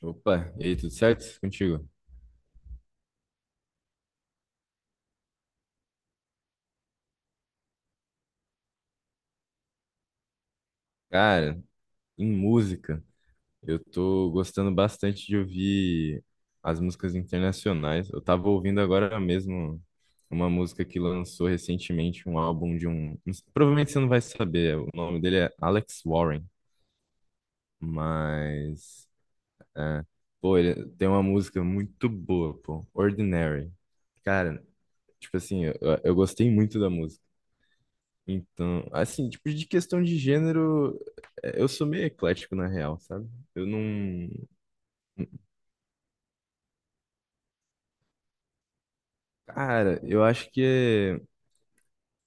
Opa, e aí, tudo certo contigo? Cara, em música, eu tô gostando bastante de ouvir as músicas internacionais. Eu tava ouvindo agora mesmo uma música que lançou recentemente, um álbum de um. Provavelmente você não vai saber, o nome dele é Alex Warren, mas. É, pô, ele tem uma música muito boa, pô, Ordinary. Cara, tipo assim, eu gostei muito da música. Então, assim, tipo, de questão de gênero, é, eu sou meio eclético na real, sabe? Eu não. Cara, eu acho que é-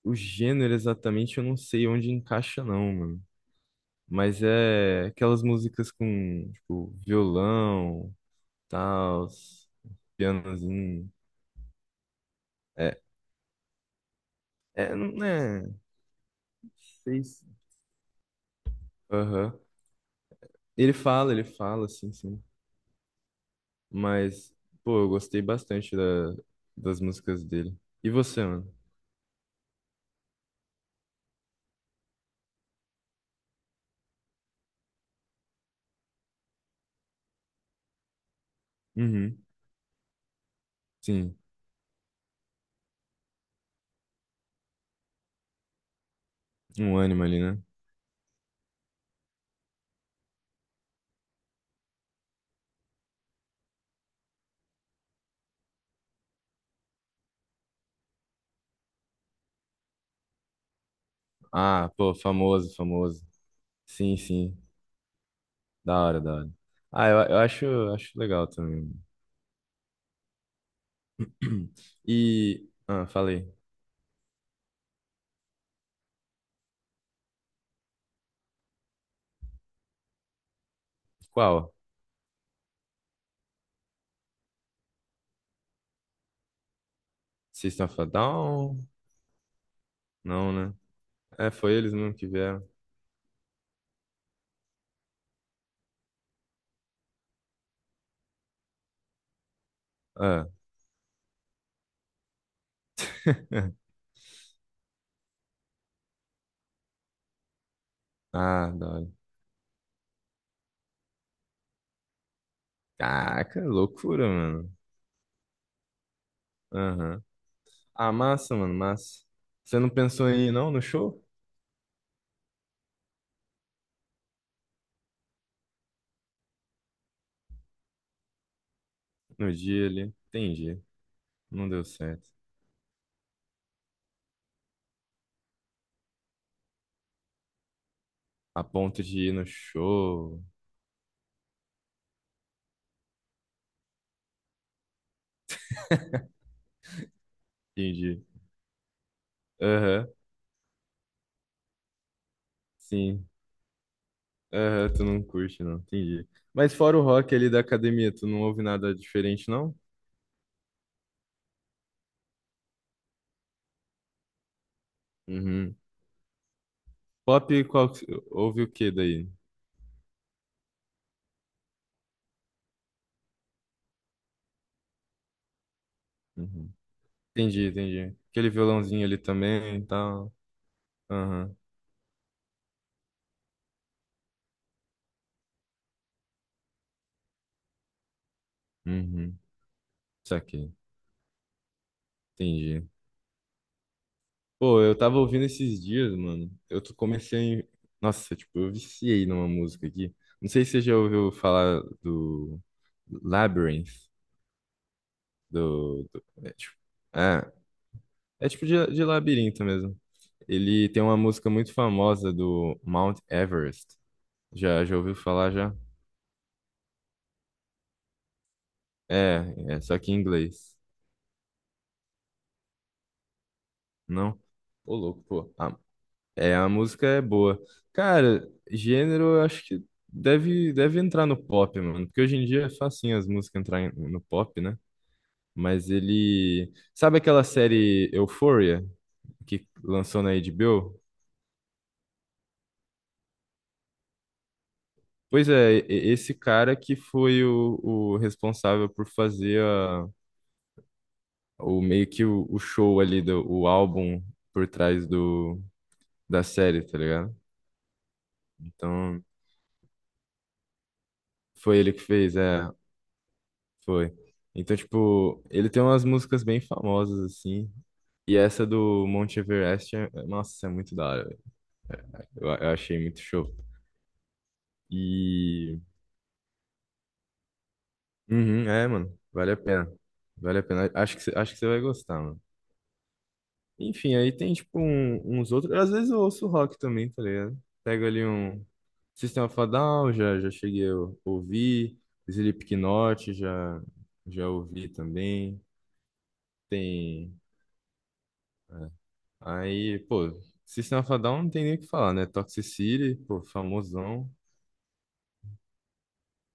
o gênero exatamente eu não sei onde encaixa, não, mano. Mas é aquelas músicas com, tipo, violão, tal, pianozinho. É, é, não é. Sei se. Aham. Ele fala, sim, sim. Mas, pô, eu gostei bastante da, das músicas dele. E você, mano? Uhum. Sim, um ânimo ali, né? Ah, pô, famoso, famoso. Sim, sim. Da hora, da hora. Ah, acho legal também. E, ah, falei. Qual? System of a Down? Não, né? É, foi eles mesmo que vieram. Ah, ah, da hora. Caraca, loucura, mano. Aham. Ah, massa, mano, massa. Você não pensou em ir, não, no show? No dia ali. Entendi. Não deu certo. A ponto de ir no show. Entendi. Aham. Sim. Aham, tu não curte, não. Entendi. Mas fora o rock ali da academia, tu não ouve nada diferente, não? Uhum. Pop, qual, que- ouve o que daí? Uhum. Entendi, entendi. Aquele violãozinho ali também e tal. Aham. Uhum. Saquei. Entendi. Pô, eu tava ouvindo esses dias, mano. Eu tô- comecei. Nossa, tipo, eu viciei numa música aqui. Não sei se você já ouviu falar do Labyrinth. É, tipo, é, É tipo de labirinto mesmo. Ele tem uma música muito famosa do Mount Everest. Já ouviu falar já? É, é só que em inglês. Não? Ô, louco, pô. A música é boa. Cara, gênero eu acho que deve entrar no pop, mano. Porque hoje em dia é facinho as músicas entrarem no pop, né? Mas ele. Sabe aquela série Euphoria que lançou na HBO? Pois é, e- esse cara que foi o responsável por fazer a, o meio que o show ali do o álbum por trás do da série, tá ligado? Então, foi ele que fez, foi. Então, tipo, ele tem umas músicas bem famosas assim, e essa do Monte Everest, nossa, é muito da hora, velho. Eu achei muito show. E uhum, é, mano, vale a pena. Vale a pena. Acho que você vai gostar, mano. Enfim, aí tem tipo um- uns outros. Às vezes eu ouço rock também, tá ligado? Pego ali um System of a Down, já cheguei a ouvir. Slipknot, já ouvi também. Tem. É. Aí, pô, System of a Down não tem nem o que falar, né? Toxic City, pô, famosão.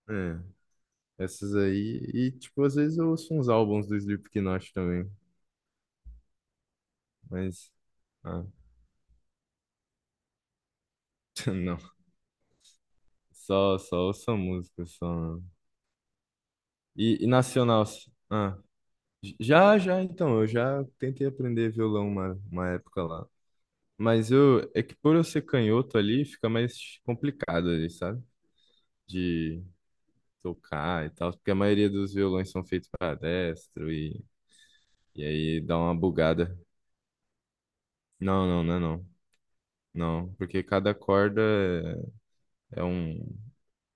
É, essas aí. E, tipo, às vezes eu ouço uns álbuns do Slipknot também. Mas. Ah, não. Só ouço a música, só. E nacional. Ah. Já, então, eu já tentei aprender violão uma época lá. Mas eu, é que por eu ser canhoto ali, fica mais complicado ali, sabe? De tocar e tal, porque a maioria dos violões são feitos para destro e aí dá uma bugada. Não, não, não, é não. Não, porque cada corda é um,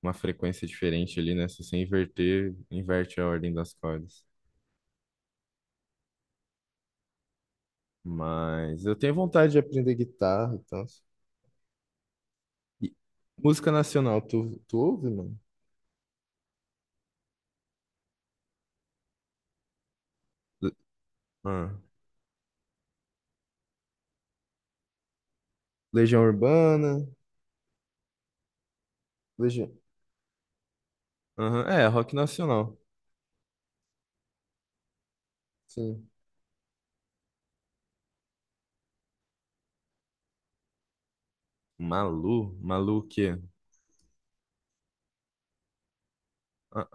uma frequência diferente ali, né? Se você inverter, inverte a ordem das cordas. Mas eu tenho vontade de aprender guitarra e tal. E música nacional, tu ouve, mano? Le- Ah. Legião Urbana, Legião... Aham, rock nacional. Sim. Malu? Malu o quê? Ah,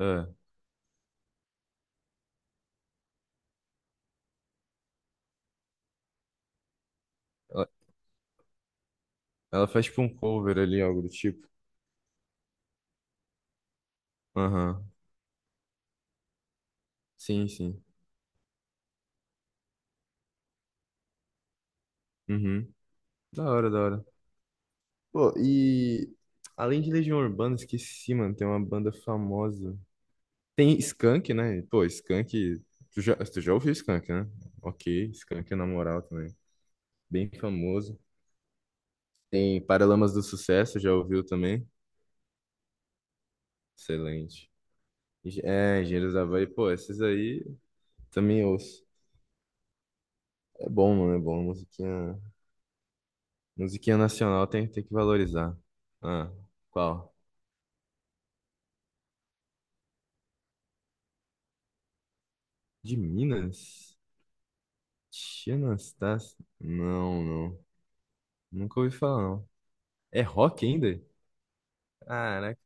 é. Ela, ela faz tipo um cover ali, algo do tipo. Aham, sim, sim. Uhum. Da hora, da hora. Pô, e além de Legião Urbana, esqueci, mano, tem uma banda famosa. Tem Skank, né? Pô, Skank, tu já ouviu Skank, né? Ok, Skank é na moral também. Bem famoso. Tem Paralamas do Sucesso, já ouviu também? Excelente. Enge- É, Engenheiros da Havaí, pô, esses aí também ouço. É bom, mano, é bom. Musiquinha, musiquinha nacional tem que valorizar. Ah, qual? De Minas? Tia Anastácia? Não, não. Nunca ouvi falar, não. É rock ainda? Caraca.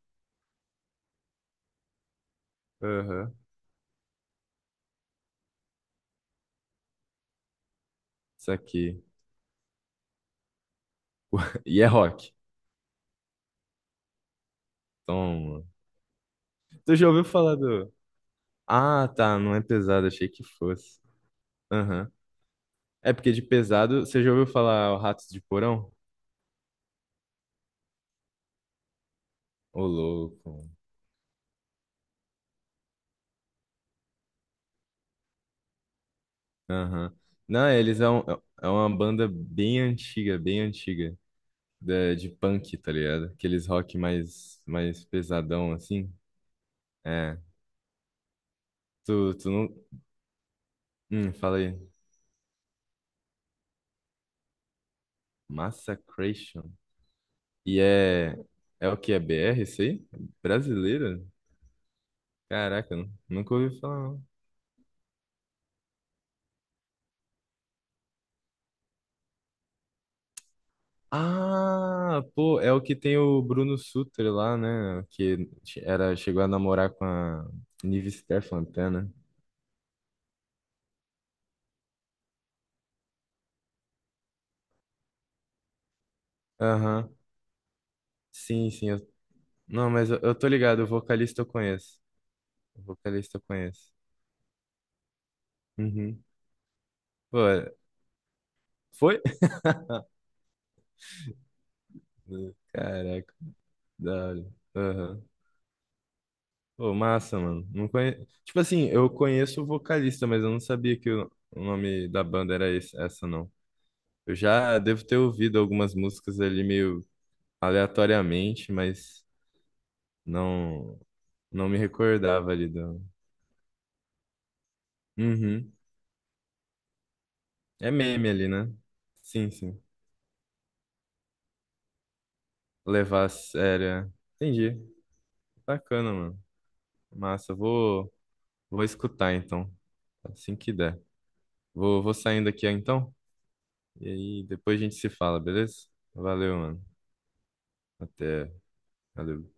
Aham. Isso aqui. E é rock. Toma. Tu já ouviu falar do... Ah, tá, não é pesado, achei que fosse. Aham. É porque de pesado, você já ouviu falar o Ratos de Porão? Ô, louco. Aham. Não, eles é, um- é uma banda bem antiga, da- de, punk, tá ligado? Aqueles rock mais pesadão, assim. É. Tu não... fala aí. Massacration. E é... É o que? É BR isso aí? Brasileira? Caraca, nu- nunca ouvi falar. Ah, pô, é o que tem o Bruno Sutter lá, né? Que era, chegou a namorar com a Nive Stefan né? Aham. Sim, sim. Eu- Não, mas eu tô ligado, o vocalista eu conheço. O vocalista eu conheço. Uhum. Pô, foi? Caraca, da hora. Aham. Pô, massa, mano. Não conhe... Tipo assim, eu conheço o vocalista, mas eu não sabia que o nome da banda era esse, essa, não. Eu já devo ter ouvido algumas músicas ali meio, aleatoriamente, mas não não me recordava ali do. Uhum. É meme ali, né? Sim, sim. Levar a sério. É. Entendi. Bacana, mano. Massa. Vou escutar então, assim que der. Vou saindo aqui então. E aí depois a gente se fala, beleza? Valeu, mano. Até. Valeu.